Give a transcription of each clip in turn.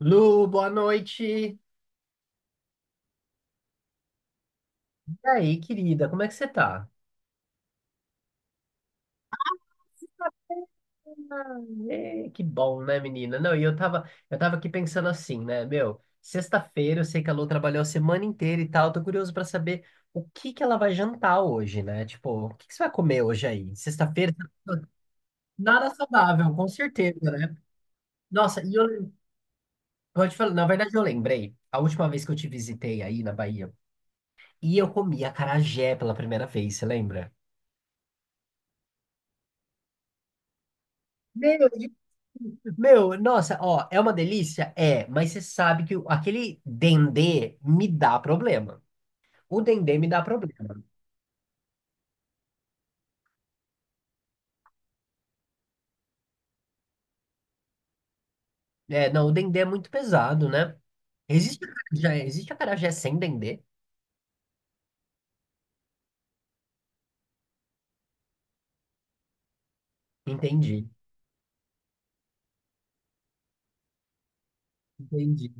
Lu, boa noite. E aí, querida, como é que você tá? É, que bom, né, menina? Não, e eu tava aqui pensando assim, né, meu, sexta-feira, eu sei que a Lu trabalhou a semana inteira e tal, tô curioso pra saber o que que ela vai jantar hoje, né? Tipo, o que que você vai comer hoje aí? Sexta-feira, nada saudável, com certeza, né? Nossa, e eu vou te falar, na verdade eu lembrei, a última vez que eu te visitei aí na Bahia, e eu comi acarajé pela primeira vez, você lembra? Meu, de- meu, nossa, ó, é uma delícia? É, mas você sabe que aquele dendê me dá problema. O dendê me dá problema. É, não, o dendê é muito pesado, né? Existe acarajé sem dendê? Entendi, entendi.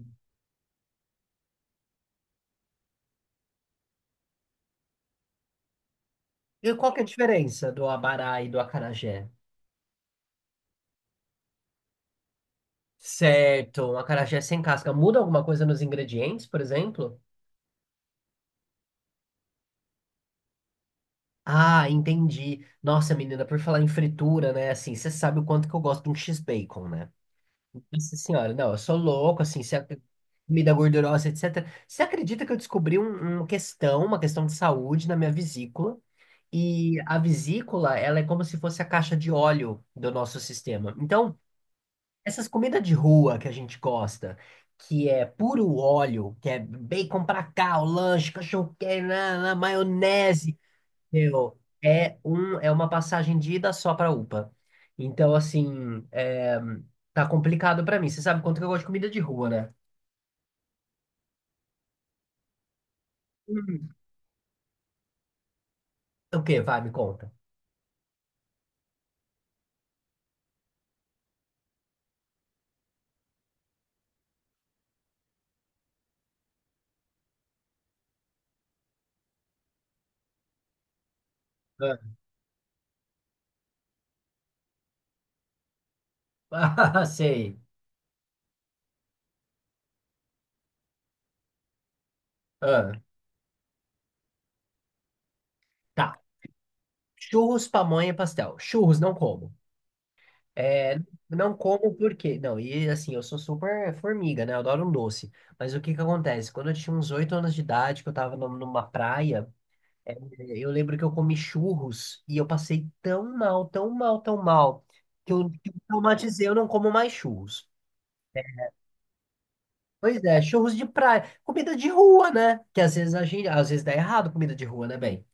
E qual que é a diferença do abará e do acarajé? Certo, um acarajé sem casca. Muda alguma coisa nos ingredientes, por exemplo? Ah, entendi. Nossa, menina, por falar em fritura, né? Assim, você sabe o quanto que eu gosto de um X-bacon, né? Nossa senhora, não, eu sou louco, assim, se a comida gordurosa, etc. Você acredita que eu descobri uma questão de saúde na minha vesícula? E a vesícula, ela é como se fosse a caixa de óleo do nosso sistema. Então, essas comidas de rua que a gente gosta, que é puro óleo, que é bacon pra cá, o lanche, cachorro quente, na maionese, meu, é uma passagem de ida só pra UPA. Então, assim, é, tá complicado pra mim. Você sabe quanto que eu gosto de comida de rua, né? Hum. O quê? Vai, me conta. Ah, sei. Ah, tá. Churros, pamonha e pastel. Churros, não como. É, não como porque... Não, e assim, eu sou super formiga, né? Eu adoro um doce. Mas o que que acontece? Quando eu tinha uns oito anos de idade, que eu tava numa praia... É, eu lembro que eu comi churros e eu passei tão mal, tão mal, tão mal, que eu traumatizei, eu não como mais churros. Pois é, churros de praia, comida de rua, né? Que às vezes a gente, às vezes dá errado comida de rua, né, bem?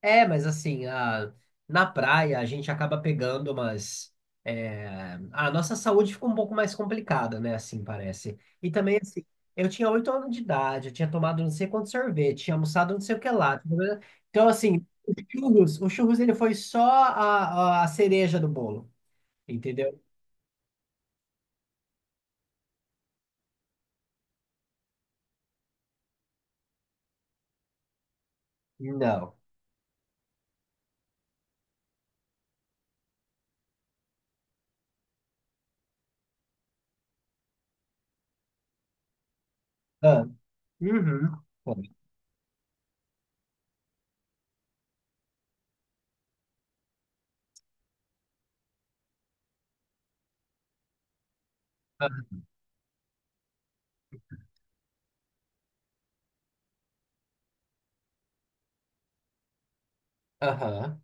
É, mas assim, a, na praia a gente acaba pegando umas. É, a nossa saúde fica um pouco mais complicada, né? Assim parece. E também, assim, eu tinha oito anos de idade, eu tinha tomado não sei quanto sorvete, tinha almoçado não sei o que lá. Então, assim, o churros ele foi só a cereja do bolo, entendeu? Não. Ah, uhum. Foi. Ah, aham.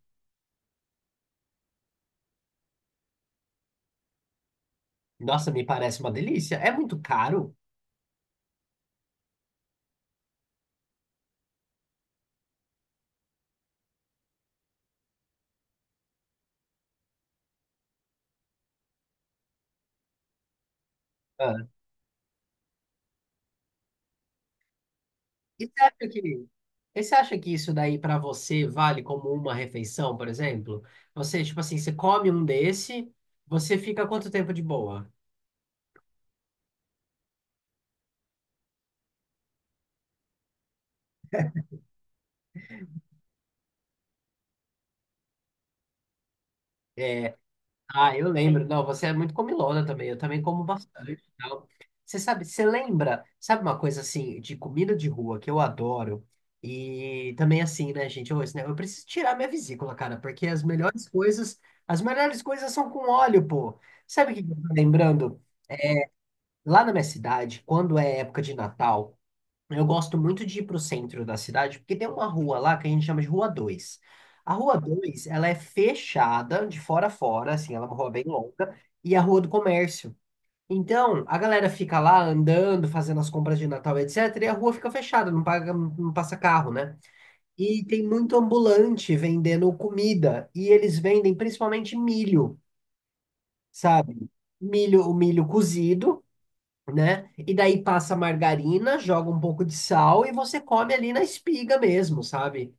Nossa, me parece uma delícia. É muito caro. E você acha que, e você acha que isso daí para você vale como uma refeição, por exemplo? Você, tipo assim, você come um desse, você fica quanto tempo de boa? É, ah, eu lembro. Não, você é muito comilona também. Eu também como bastante e tal. Você sabe, você lembra, sabe uma coisa assim, de comida de rua que eu adoro? E também assim, né, gente? Eu, eu preciso tirar minha vesícula, cara, porque as melhores coisas são com óleo, pô. Sabe o que que eu tô lembrando? Lá na minha cidade, quando é época de Natal, eu gosto muito de ir pro centro da cidade, porque tem uma rua lá que a gente chama de Rua dois. A Rua dois, ela é fechada de fora a fora, assim, ela é uma rua bem longa, e é a Rua do Comércio. Então, a galera fica lá andando, fazendo as compras de Natal, etc., e a rua fica fechada, não paga, não passa carro, né? E tem muito ambulante vendendo comida, e eles vendem principalmente milho, sabe? Milho, o milho cozido, né? E daí passa margarina, joga um pouco de sal e você come ali na espiga mesmo, sabe?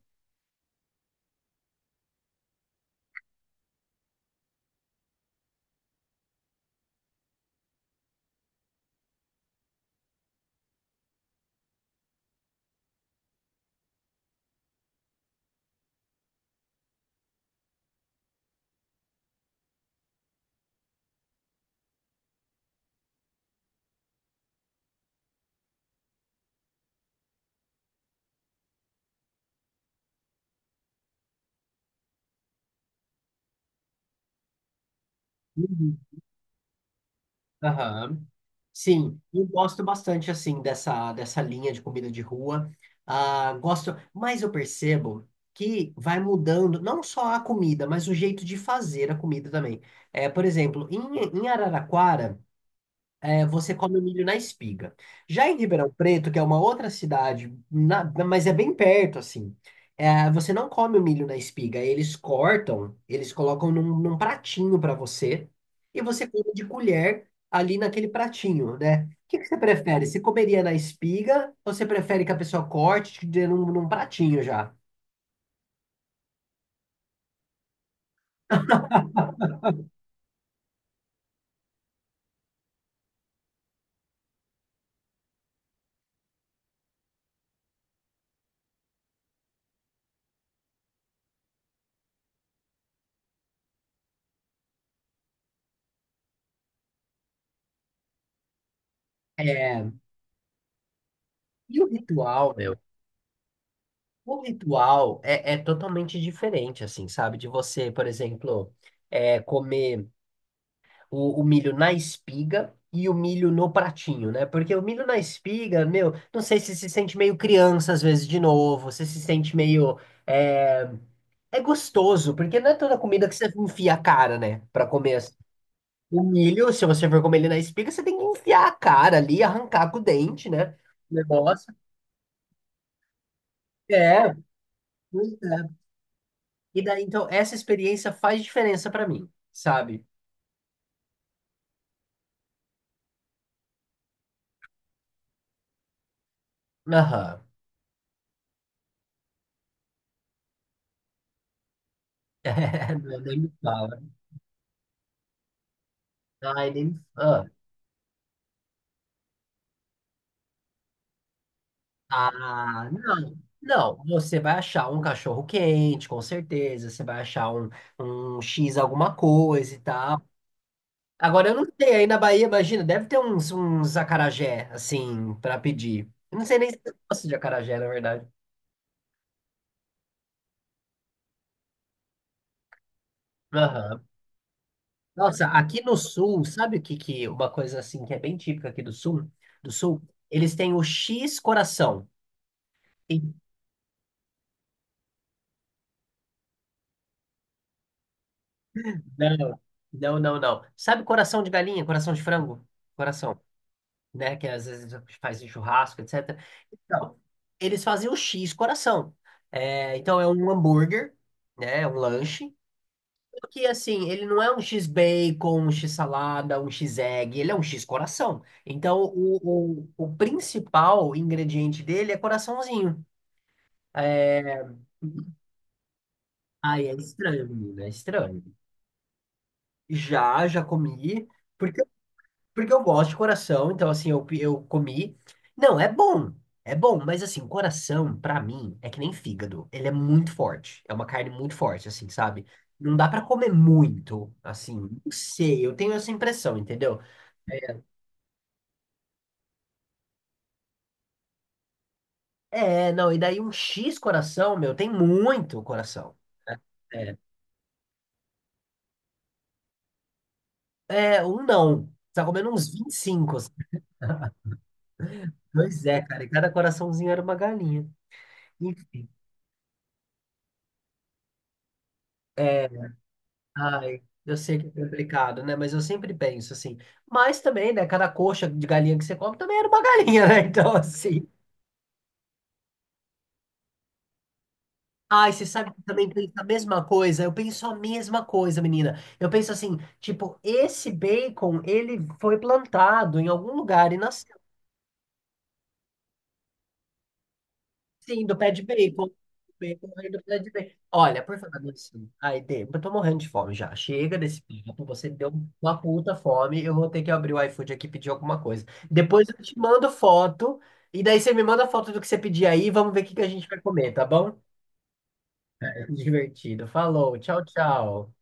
Uhum. Aham. Sim, eu gosto bastante assim dessa linha de comida de rua. Ah, gosto, mas eu percebo que vai mudando não só a comida, mas o jeito de fazer a comida também. É, por exemplo, em Araraquara, é, você come milho na espiga. Já em Ribeirão Preto, que é uma outra cidade, mas é bem perto, assim, é, você não come o milho na espiga. Eles cortam, eles colocam num pratinho para você e você come de colher ali naquele pratinho, né? O que que você prefere? Você comeria na espiga ou você prefere que a pessoa corte e te dê num pratinho já? E o ritual, meu? O ritual é, é totalmente diferente, assim, sabe? De você, por exemplo, é, comer o milho na espiga e o milho no pratinho, né? Porque o milho na espiga, meu, não sei se se sente meio criança às vezes de novo, você se sente meio. É, é gostoso, porque não é toda comida que você enfia a cara, né? Pra comer, assim. O milho, se você for comer ele na espiga, você tem que enfiar a cara ali, arrancar com o dente, né? O negócio. É, pois é. E daí, então, essa experiência faz diferença pra mim, sabe? Aham. Não, nem me fala. Ai, nem me fala. Ah, não. Não, você vai achar um cachorro quente, com certeza. Você vai achar um, um X alguma coisa e tal. Agora, eu não sei, aí na Bahia, imagina, deve ter uns acarajé, assim, pra pedir. Eu não sei nem se eu gosto de acarajé, na verdade. Aham. Nossa, aqui no sul, sabe o que, que uma coisa assim que é bem típica aqui do sul? Do sul, eles têm o X coração. E- Não, não, não, não. Sabe coração de galinha, coração de frango? Coração, né? Que às vezes faz em churrasco, etc. Então, eles fazem o X coração. É, então é um hambúrguer, né? É um lanche. Que assim, ele não é um X bacon, um X salada, um X egg, ele é um X coração. Então o principal ingrediente dele é coraçãozinho. É, ai, é estranho, menina, é estranho. Já, já comi, porque porque eu gosto de coração, então assim, eu comi. Não, é bom. É bom, mas assim, coração, pra mim, é que nem fígado. Ele é muito forte. É uma carne muito forte, assim, sabe? Não dá pra comer muito, assim. Não sei, eu tenho essa impressão, entendeu? É, não, e daí um X coração, meu, tem muito coração. É, é, não. Você tá comendo uns 25, assim. Pois é, cara, e cada coraçãozinho era uma galinha. Enfim, é, ai, eu sei que é complicado, né? Mas eu sempre penso assim. Mas também, né? Cada coxa de galinha que você come também era uma galinha, né? Então, assim. Ai, você sabe que eu também penso a mesma coisa? Eu penso a mesma coisa, menina. Eu penso assim, tipo, esse bacon, ele foi plantado em algum lugar e nasceu. Sim, do pé de bacon. Bacon vem do pé de bacon. Olha, por favor, assim. Ai, Dê, eu tô morrendo de fome já. Chega desse papo, você deu uma puta fome. Eu vou ter que abrir o iFood aqui e pedir alguma coisa. Depois eu te mando foto. E daí você me manda foto do que você pedir aí. Vamos ver o que que a gente vai comer, tá bom? Divertido. Falou, tchau, tchau.